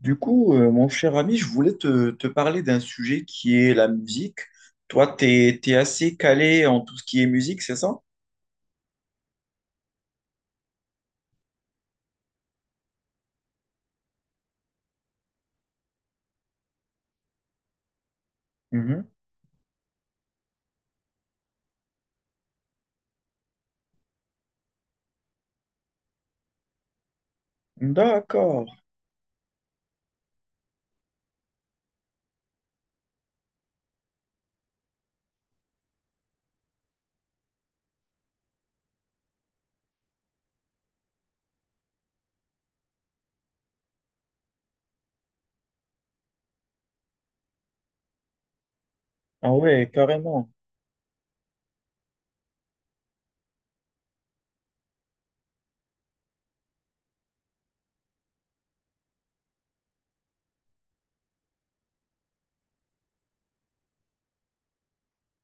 Du coup, mon cher ami, je voulais te parler d'un sujet qui est la musique. Toi, t'es assez calé en tout ce qui est musique, c'est ça? Mhm. D'accord. Ah ouais, carrément.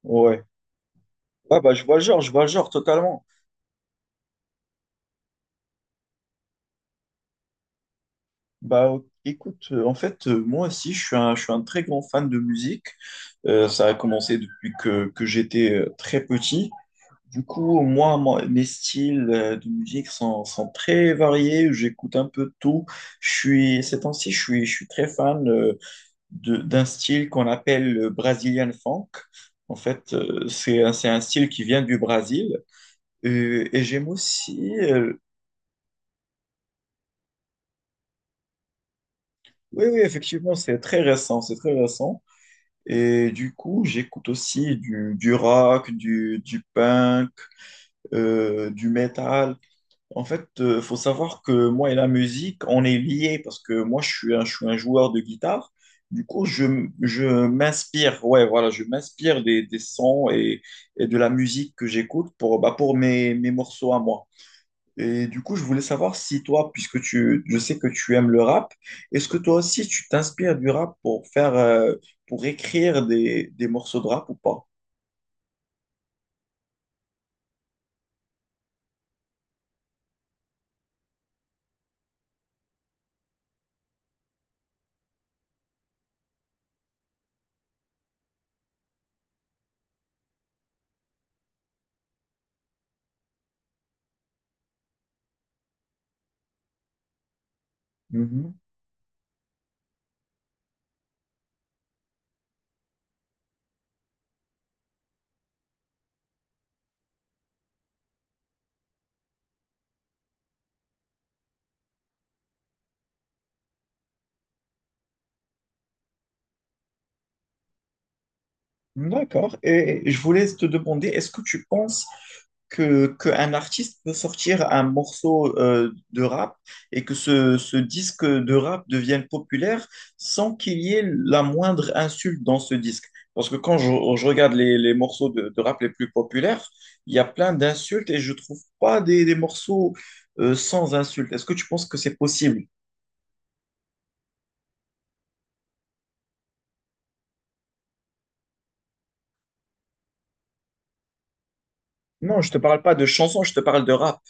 Ouais. Ah bah, je vois le genre, je vois le genre totalement. Bah ok, écoute, en fait, moi aussi, je suis un très grand fan de musique. Ça a commencé depuis que j'étais très petit. Du coup, moi, mes styles de musique sont très variés. J'écoute un peu de tout. Ces temps-ci, je suis très fan d'un style qu'on appelle le Brazilian funk. En fait, c'est un style qui vient du Brésil. Et j'aime aussi. Oui, oui, effectivement, c'est très récent. C'est très récent. Et du coup, j'écoute aussi du rock, du punk, du metal. En fait, faut savoir que moi et la musique, on est liés parce que moi, je suis un joueur de guitare. Du coup, je m'inspire, ouais, voilà, je m'inspire des sons et de la musique que j'écoute pour, bah, pour mes morceaux à moi. Et du coup, je voulais savoir si toi, je sais que tu aimes le rap, est-ce que toi aussi tu t'inspires du rap pour faire, pour écrire des morceaux de rap ou pas? D'accord. Et je voulais te demander, est-ce que tu penses qu'un artiste peut sortir un morceau de rap et que ce disque de rap devienne populaire sans qu'il y ait la moindre insulte dans ce disque. Parce que quand je regarde les morceaux de rap les plus populaires, il y a plein d'insultes et je trouve pas des morceaux sans insultes. Est-ce que tu penses que c'est possible? Non, je te parle pas de chansons, je te parle de rap.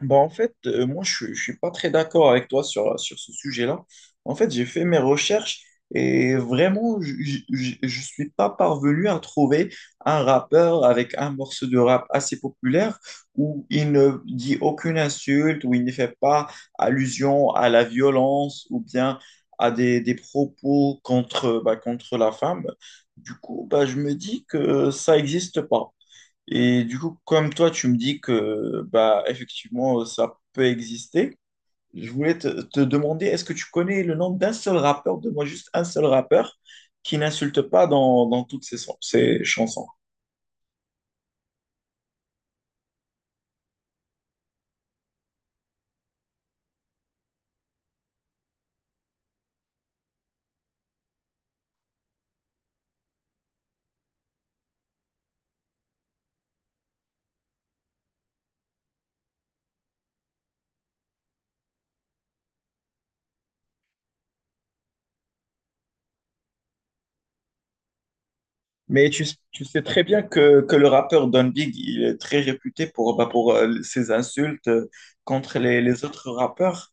Bah, en fait, moi, je ne suis pas très d'accord avec toi sur ce sujet-là. En fait, j'ai fait mes recherches et vraiment, je ne suis pas parvenu à trouver un rappeur avec un morceau de rap assez populaire où il ne dit aucune insulte, où il ne fait pas allusion à la violence ou bien à des propos contre, bah, contre la femme. Du coup, bah, je me dis que ça n'existe pas. Et du coup, comme toi, tu me dis que bah effectivement ça peut exister, je voulais te demander, est-ce que tu connais le nom d'un seul rappeur, de moi juste un seul rappeur, qui n'insulte pas dans toutes ses chansons? Mais tu sais très bien que le rappeur Don Big, il est très réputé pour, bah, pour ses insultes contre les autres rappeurs.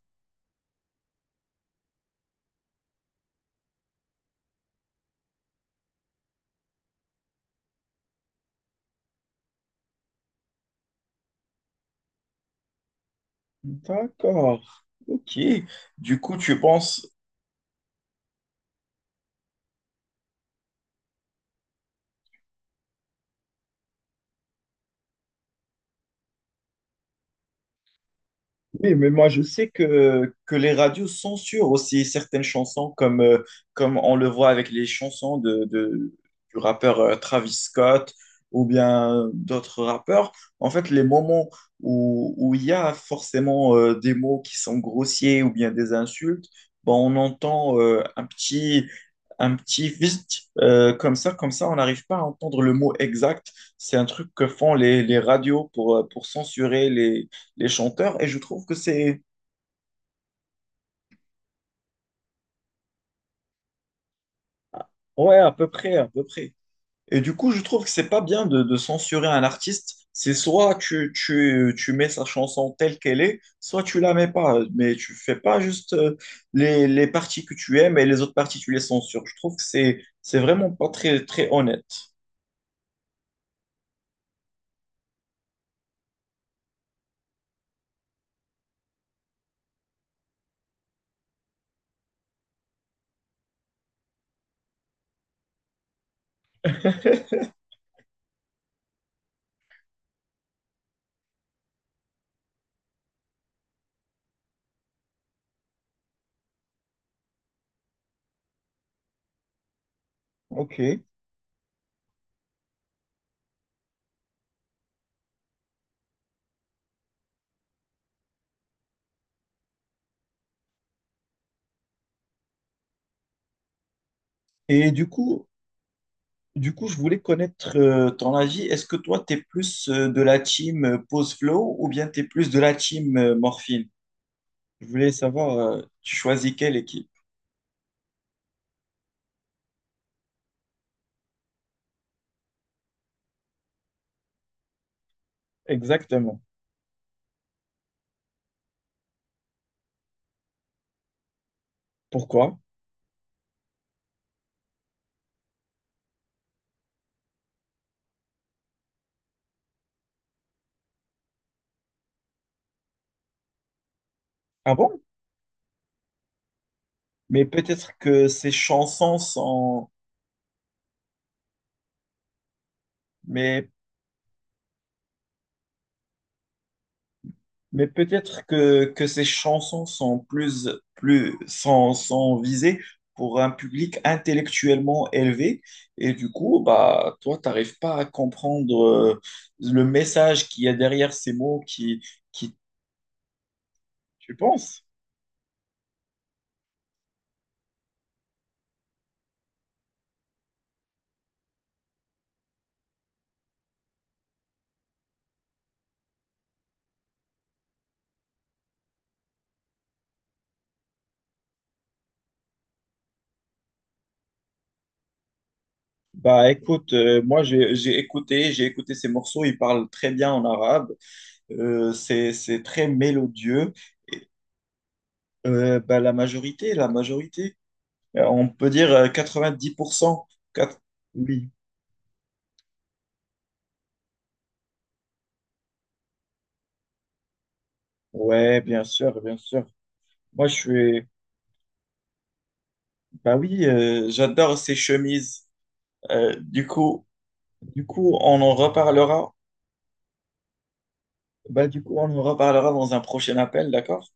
D'accord, ok. Du coup, tu penses. Oui, mais moi je sais que les radios censurent aussi certaines chansons, comme, comme on le voit avec les chansons du rappeur Travis Scott ou bien d'autres rappeurs. En fait, les moments où, où il y a forcément des mots qui sont grossiers ou bien des insultes, bon, on entend un petit vite comme ça, on n'arrive pas à entendre le mot exact. C'est un truc que font les radios pour censurer les chanteurs, et je trouve que c'est... Ouais, à peu près, à peu près. Et du coup, je trouve que c'est pas bien de censurer un artiste. C'est soit tu mets sa chanson telle qu'elle est, soit tu la mets pas. Mais tu fais pas juste les parties que tu aimes et les autres parties, tu les censures. Je trouve que c'est vraiment pas très, très honnête. Ok. Et du coup, du coup, je voulais connaître ton avis. Est-ce que toi, tu es plus de la team Pause Flow ou bien tu es plus de la team Morphine? Je voulais savoir, tu choisis quelle équipe? Exactement. Pourquoi? Ah bon? Mais peut-être que ces chansons sont, mais, mais peut-être que ces chansons sont plus, plus, sont, sont visées pour un public intellectuellement élevé. Et du coup, bah, toi, t'arrives pas à comprendre le message qu'il y a derrière ces mots qui, tu penses? Bah écoute, moi j'ai écouté ces morceaux, ils parlent très bien en arabe. C'est très mélodieux. Et, bah, la majorité, on peut dire 90%. Quatre- Oui, ouais, bien sûr, bien sûr. Moi, je suis, bah oui, j'adore ces chemises. Euh, du coup, du coup, on en reparlera. Bah, du coup, on en reparlera dans un prochain appel, d'accord?